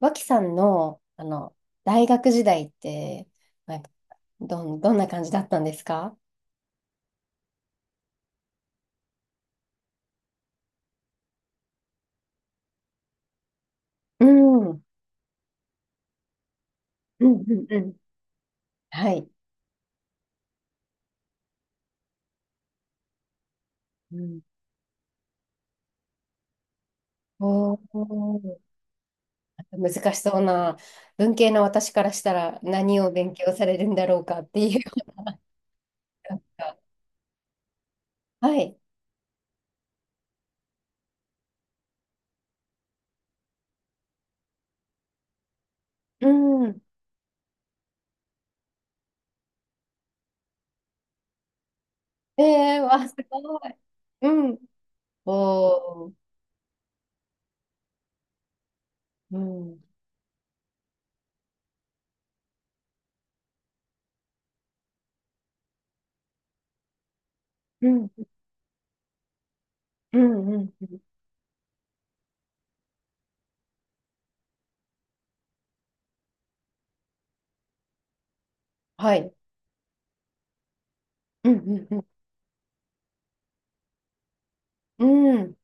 脇さんの、大学時代って、なんか、どんな感じだったんですか？うん。うんうんうん。はい。うん。おー、難しそうな、文系の私からしたら何を勉強されるんだろうかっていう。はい。うん。えー、わ、すごい。うん。おー、うん。うん。うん。うん。うん。はい。うん。うん。うん。うん。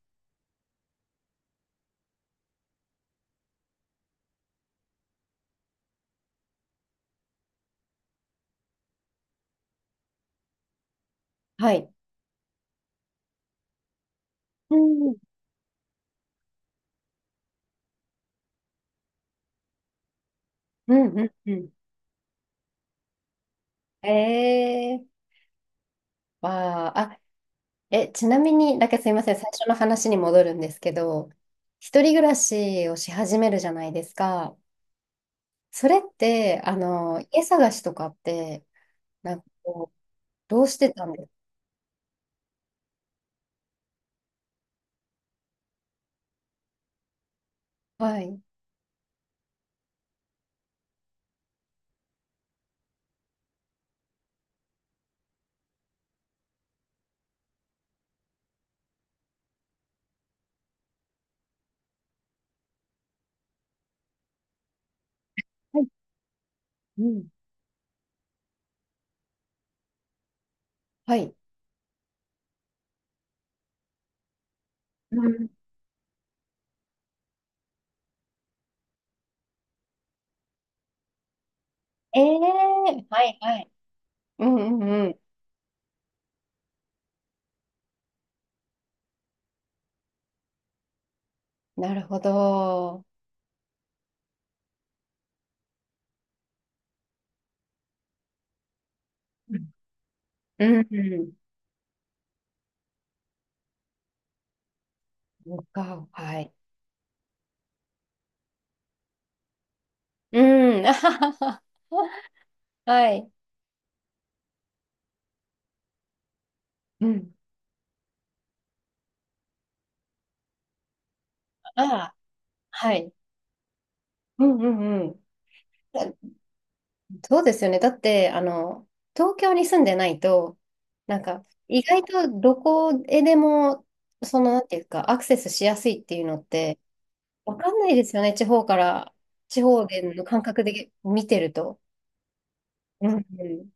はい。うん。うん。うん。うん。ええ。わあ、あ、え、ちなみに、だけどすいません、最初の話に戻るんですけど、一人暮らしをし始めるじゃないですか。それって、家探しとかって、なんかこう、どうしてたんですか？はい。はい。うん。はい。うん。ええ。はいはい。うんうんうん。なるほど。うんうんうん。そうか、はい。うん。あははは。はい。うん。ああ、はい。うんうんうん。そうですよね。だって、東京に住んでないと、なんか、意外とどこへでも、その、なんていうか、アクセスしやすいっていうのって、わかんないですよね。地方から、地方での感覚で見てると。うんうん。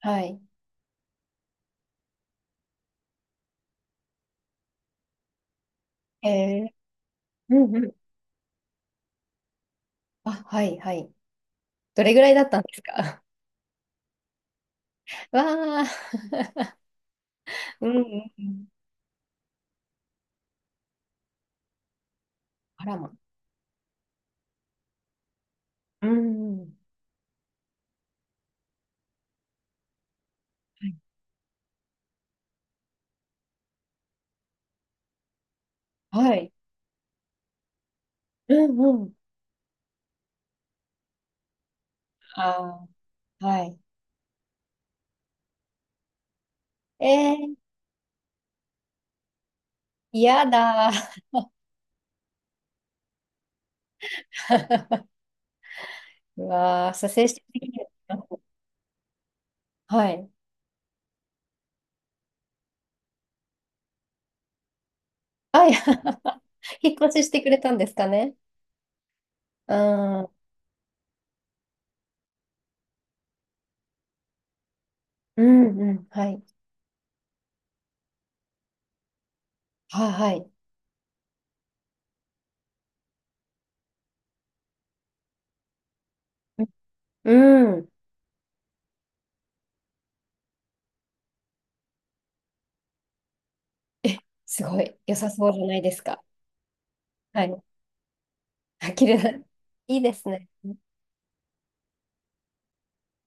はい。ええ。うんうん。あ、はいはい。どれぐらいだったんですか？ わあ。うんうんうん。あらま。うんうん。はい。はい。うんうん。ああ、はい。えー、やだ。うわー、さ、精神的に。は。はい。はい。引っ越ししてくれたんですかね。うん。うんうん。はい。はいはい。うん。え、すごい。良さそうじゃないですか。はい。あ、綺麗な。いいですね。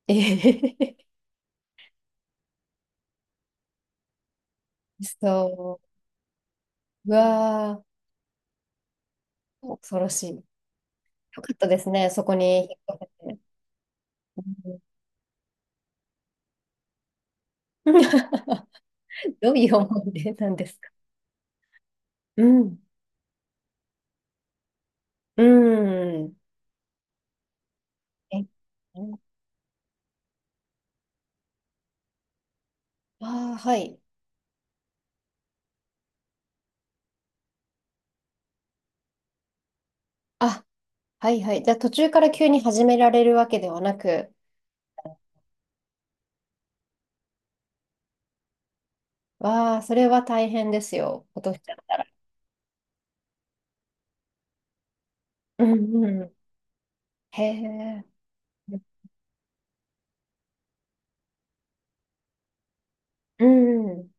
えへへへ。そう。うわー、恐ろしい。よかったですね。そこに引っ越せて。うん。 どういう思い出なんですか？うん。うん。え、ああ、はい。あ、はいはい。じゃあ途中から急に始められるわけではなく。わあ、それは大変ですよ。落としちゃったら。うんうん。へえ。うんうん。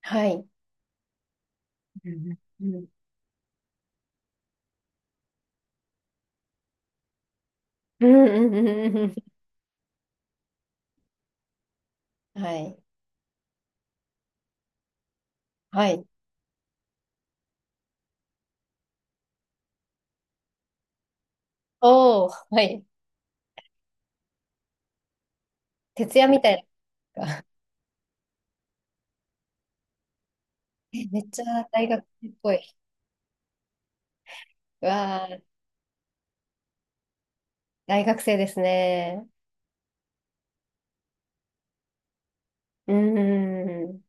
はい。うんうんうんうんうんうんうん。はい。はい。おお、はい。徹夜みたいな。え、めっちゃ大学生っぽい。うわあ、大学生ですね。うんんうん。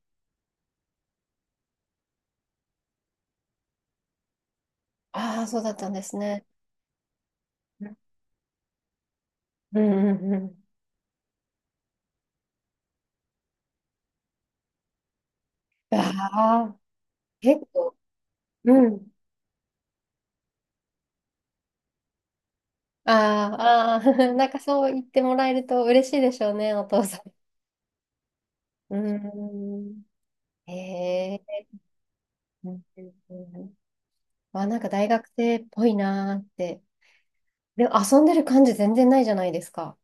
ああ、そうだったんですね。うんうんうん。ああー、結構。うん。あーあー、なんかそう言ってもらえると嬉しいでしょうね、お父さん。うーん。へえ。うんうんうん。あ、なんか大学生っぽいなーって。でも遊んでる感じ全然ないじゃないですか。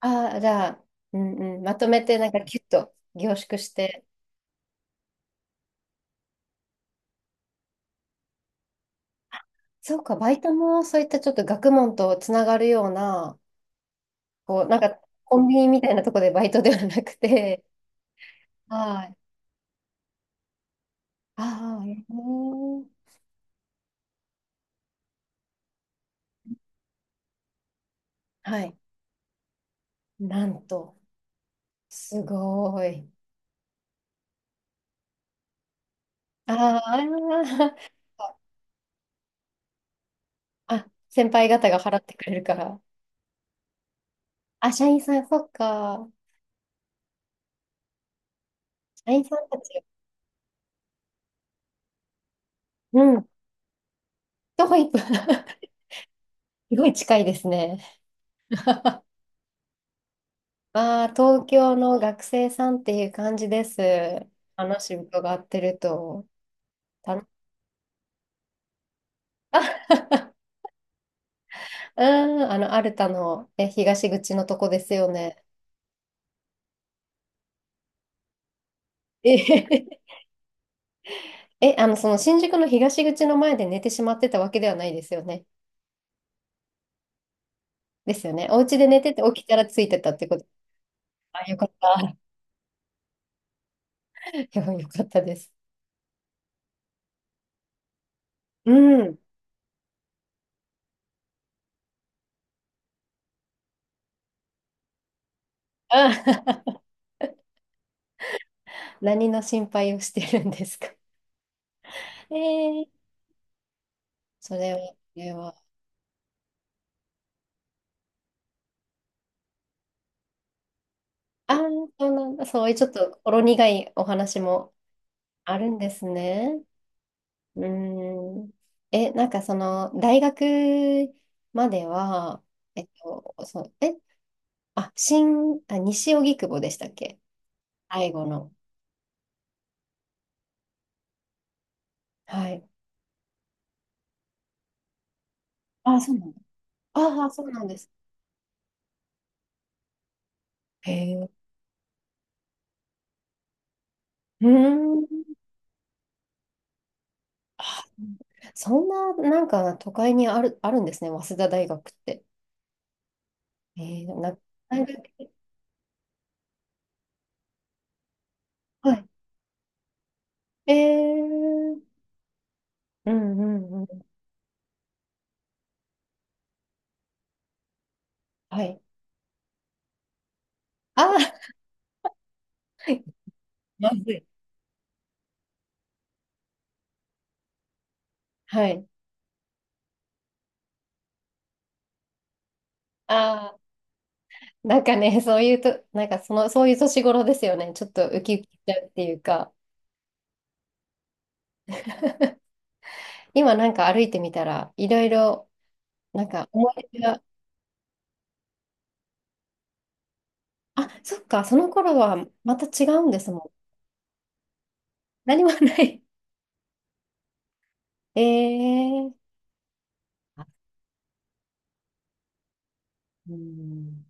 ああ、じゃあ、うんうん、まとめてなんかキュッと凝縮して。そうか、バイトもそういったちょっと学問とつながるような、こう、なんかコンビニみたいなとこでバイトではなくて。はい。ああ、えー。はい。なんと。すごい。あーあー、あ、先輩方が払ってくれるから。あ、社員さん、そっか。社員さんたち。うん。徒歩一分。すごい近いですね。ああ、東京の学生さんっていう感じです。話伺ってると。たの。あ。 うん、アルタのえ東口のとこですよね。え、え、その新宿の東口の前で寝てしまってたわけではないですよね。ですよね。お家で寝てて起きたらついてたってこと。あ、よかった。よかったです。うん。あ。 何の心配をしてるんですか。えー、それは、それは。ああ、そうなんだ。そういうちょっとほろ苦いお話もあるんですね。うーん。え、大学までは、えっと、そう、え、あ、新、あ、西荻窪でしたっけ、最後の。はい。あ、そうなんだ。ああ、そうなんです。へえ。うーん。あ、そんな、なんか都会にある、あるんですね、早稲田大学って。えー、でもな、大学、はい。えー、うんうんうん。はい。あー、まずい。はい。あー、なんかね、そういうと、そういう年頃ですよね。ちょっとウキウキしちゃうっていうか、今なんか歩いてみたら、いろいろ、なんか思い出が、あ、そっか、その頃はまた違うんですもん。何もない。えー、うん